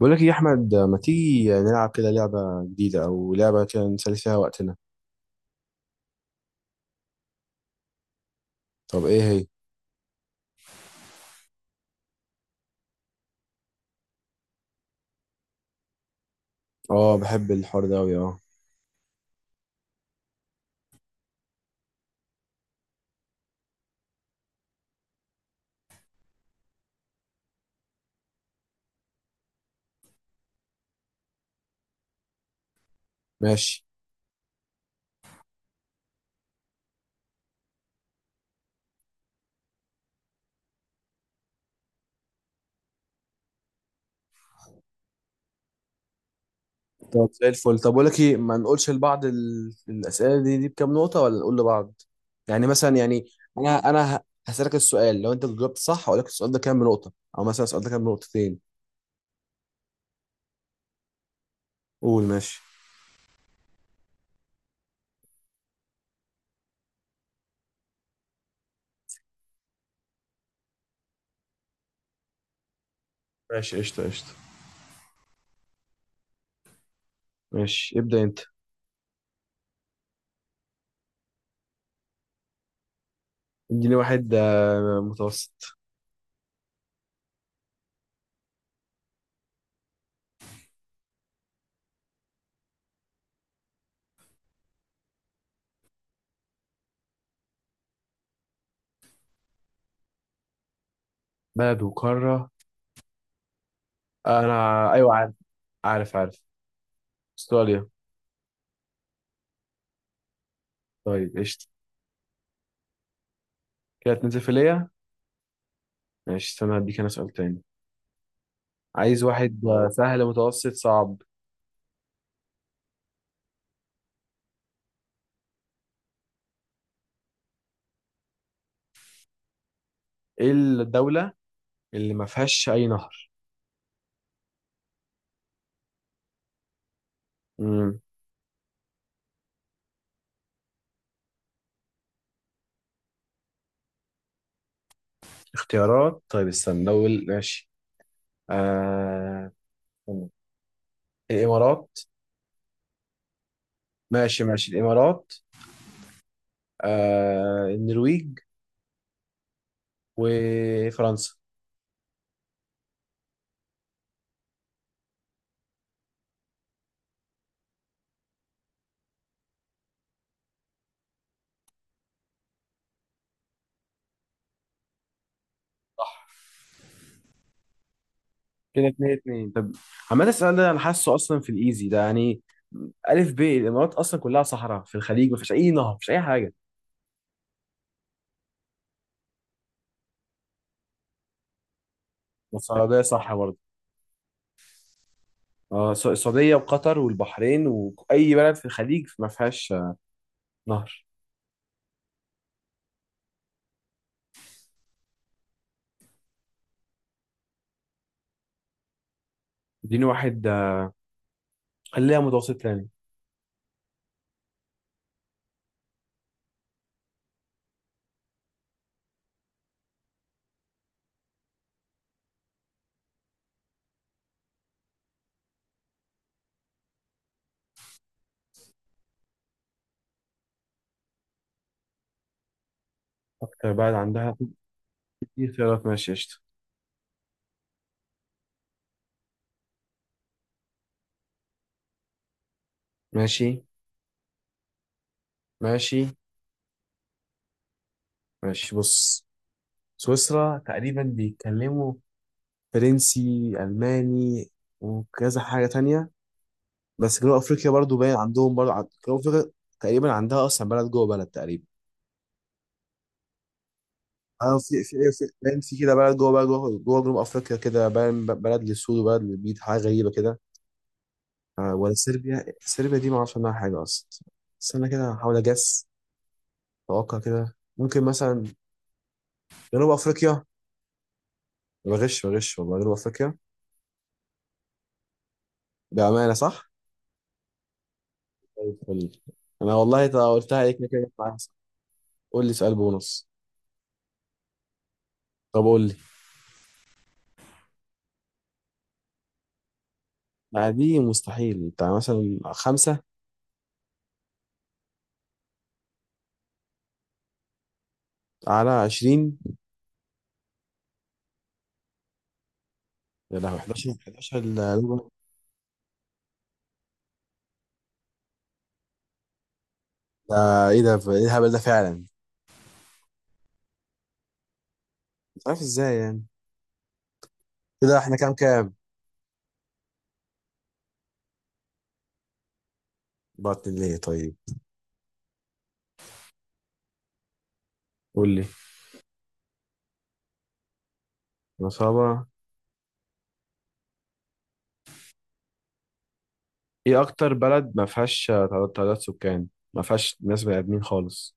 بقول لك إيه يا احمد؟ ما تيجي نلعب كده لعبه جديده او لعبه كده نسلي فيها وقتنا؟ طب ايه هي؟ اه، بحب الحوار ده قوي. اه، ماشي. طب زي الفل. طب بقول لك ايه، ما نقولش لبعض الاسئله دي بكام نقطه، ولا نقول لبعض يعني، مثلا يعني هسالك السؤال، لو انت جاوبت صح هقول لك السؤال ده كام نقطه، او مثلا السؤال ده كام نقطتين. قول. ماشي ماشي، قشطة قشطة. ماشي، ابدا انت. اديني واحد متوسط. بلد وقاره؟ انا ايوه عارف. عارف عارف. استراليا. طيب قشطه. كانت نزفيلية. ماشي، استنى هديك انا سؤال تاني. عايز واحد سهل، متوسط، صعب؟ ايه الدولة اللي ما فيهاش اي نهر؟ مم. اختيارات؟ طيب استنى. دول ماشي. آه... استنى. الامارات. ماشي ماشي، الامارات، النرويج، وفرنسا. صح. كده اتنين اتنين. طب عمال السؤال ده، انا حاسه اصلا في الايزي ده يعني. الف ب، الامارات اصلا كلها صحراء في الخليج، ما فيش اي نهر، ما فيش اي حاجه. بس السعوديه صح برضه. اه السعودية وقطر والبحرين وأي بلد في الخليج ما فيهاش نهر. اديني واحد خليها متوسط يعني. أكتر بلد عندها في. اختيارات؟ ماشي قشطة. ماشي ماشي ماشي. بص، سويسرا تقريبا بيتكلموا فرنسي، ألماني، وكذا حاجة تانية. بس جنوب أفريقيا برضو باين عندهم برضو جنوب أفريقيا تقريبا عندها أصلا بلد جوه بلد تقريبا. اه، في في باين في كده بلد جوه بلد جوه جنوب أفريقيا، كده باين بلد للسود وبلد للبيض، حاجة غريبة كده. ولا صربيا؟ صربيا دي ما اعرفش عنها حاجه اصلا. استنى كده هحاول اجس. اتوقع كده ممكن مثلا جنوب افريقيا. بغش بغش والله. جنوب افريقيا. بامانه صح؟ طيب قول لي، انا والله قلتها عليك كده، جت معايا صح. قول لي سؤال بونص. طب قول لي. لا، دي مستحيل، بتاع مثلا خمسة؟ على 20؟ يا لهوي! 11؟ 11؟ ده ايه؟ ده ايه الهبل ده فعلا؟ مش عارف ازاي يعني. كده احنا كام كام؟ بعت ليه طيب؟ قول لي. نصابة. ايه اكتر بلد ما فيهاش تعداد سكان، ما فيهاش ناس بني ادمين خالص؟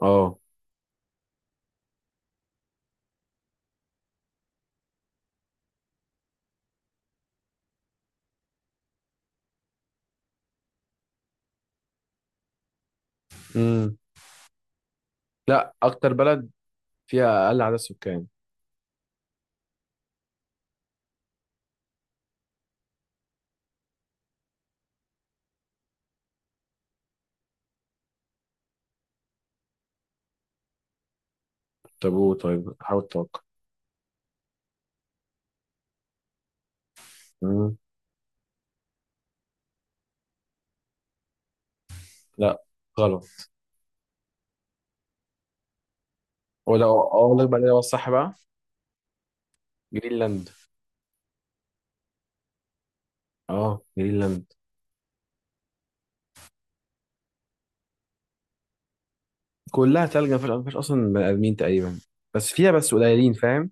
اه. امم لا، اكتر بلد فيها اقل عدد سكان. طب قول، طيب حاول تتوقع. امم لا، غلط. هو ده، اقول لك بقى ده هو الصح بقى. جرينلاند. اه، جرينلاند. كلها تلج، ما فيهاش اصلا بني ادمين تقريبا، بس فيها بس قليلين، فاهم.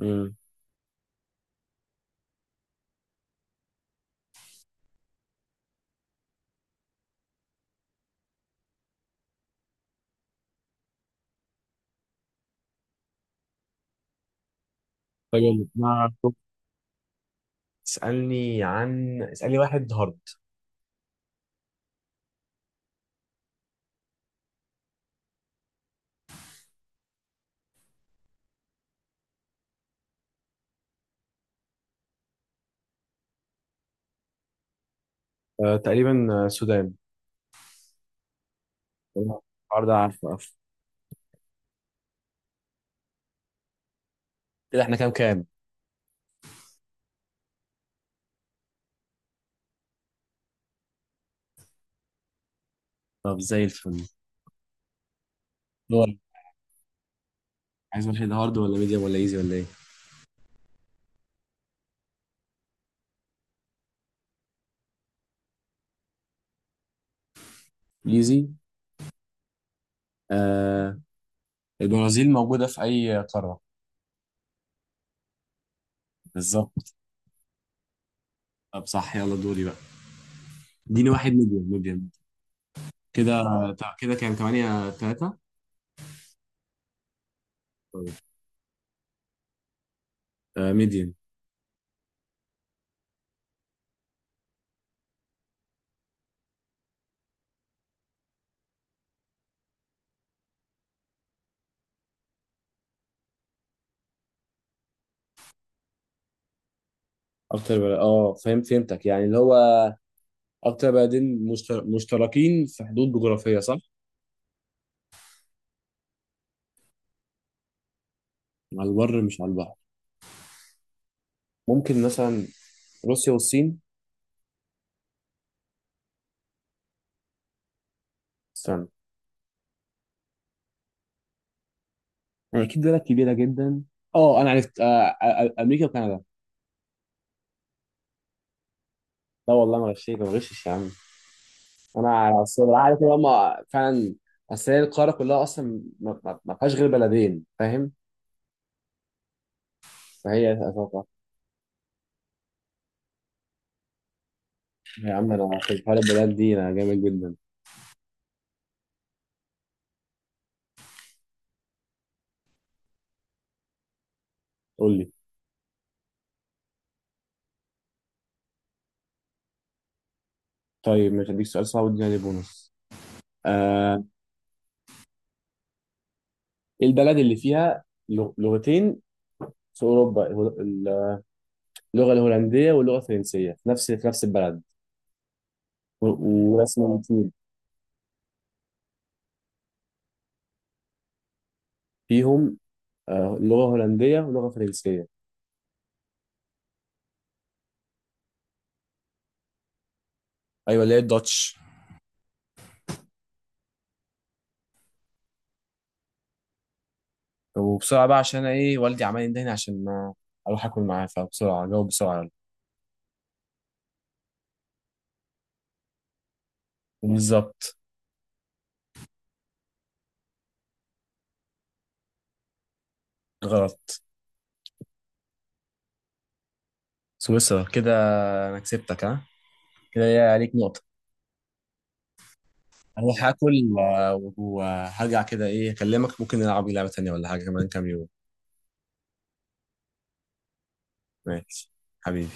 امم. طيب يلا، ما اسالني واحد هارد. آه، تقريبا السودان. النهارده. عارفه عارفه. كده احنا كام كام؟ طب زي الفل. دول. عايز واحد هارد ولا ميديوم ولا ايزي ولا ايه؟ ايزي. آه، البرازيل موجودة في اي قارة؟ بالظبط. طب صح، يلا دوري بقى. اديني واحد ميديوم ميديوم. كده كده كان 8-3. طيب. آه ميديوم. اكتر بلد، اه فهم، فهمتك يعني، اللي هو اكتر بلدين مشتركين في حدود جغرافية، صح؟ على البر مش على البحر. ممكن مثلا روسيا والصين. استنى، يعني اكيد بلد كبيرة جدا. اه، انا عرفت. امريكا وكندا. لا والله ما غشيت، ما غشش يا عم. انا اصل عارف ان هم فعلا. اصل هي القاره كلها اصلا ما فيهاش غير بلدين، فاهم. فهي اتوقع. يا عم انا في حوار البلد دي انا جامد جدا. قول لي. طيب مش هديك سؤال صعب؟ اديني عليه بونص. آه، ايه البلد اللي فيها لغتين في اوروبا، ال- اللغه الهولنديه واللغه الفرنسيه في نفس البلد و- ورسم الاتنين فيهم، لغه هولنديه ولغه فرنسيه؟ ايوه، اللي هي الداتش. وبسرعة بقى عشان أنا إيه، والدي عمال يندهني عشان ما أروح آكل معاه، فبسرعة جاوب بسرعة يلا. وبالظبط. غلط. سويسرا كده. أنا كسبتك ها، كده ليا عليك نقطة. أروح آكل وهرجع كده، إيه، أكلمك، ممكن نلعب لعبة تانية ولا حاجة كمان كام يوم. ماشي حبيبي.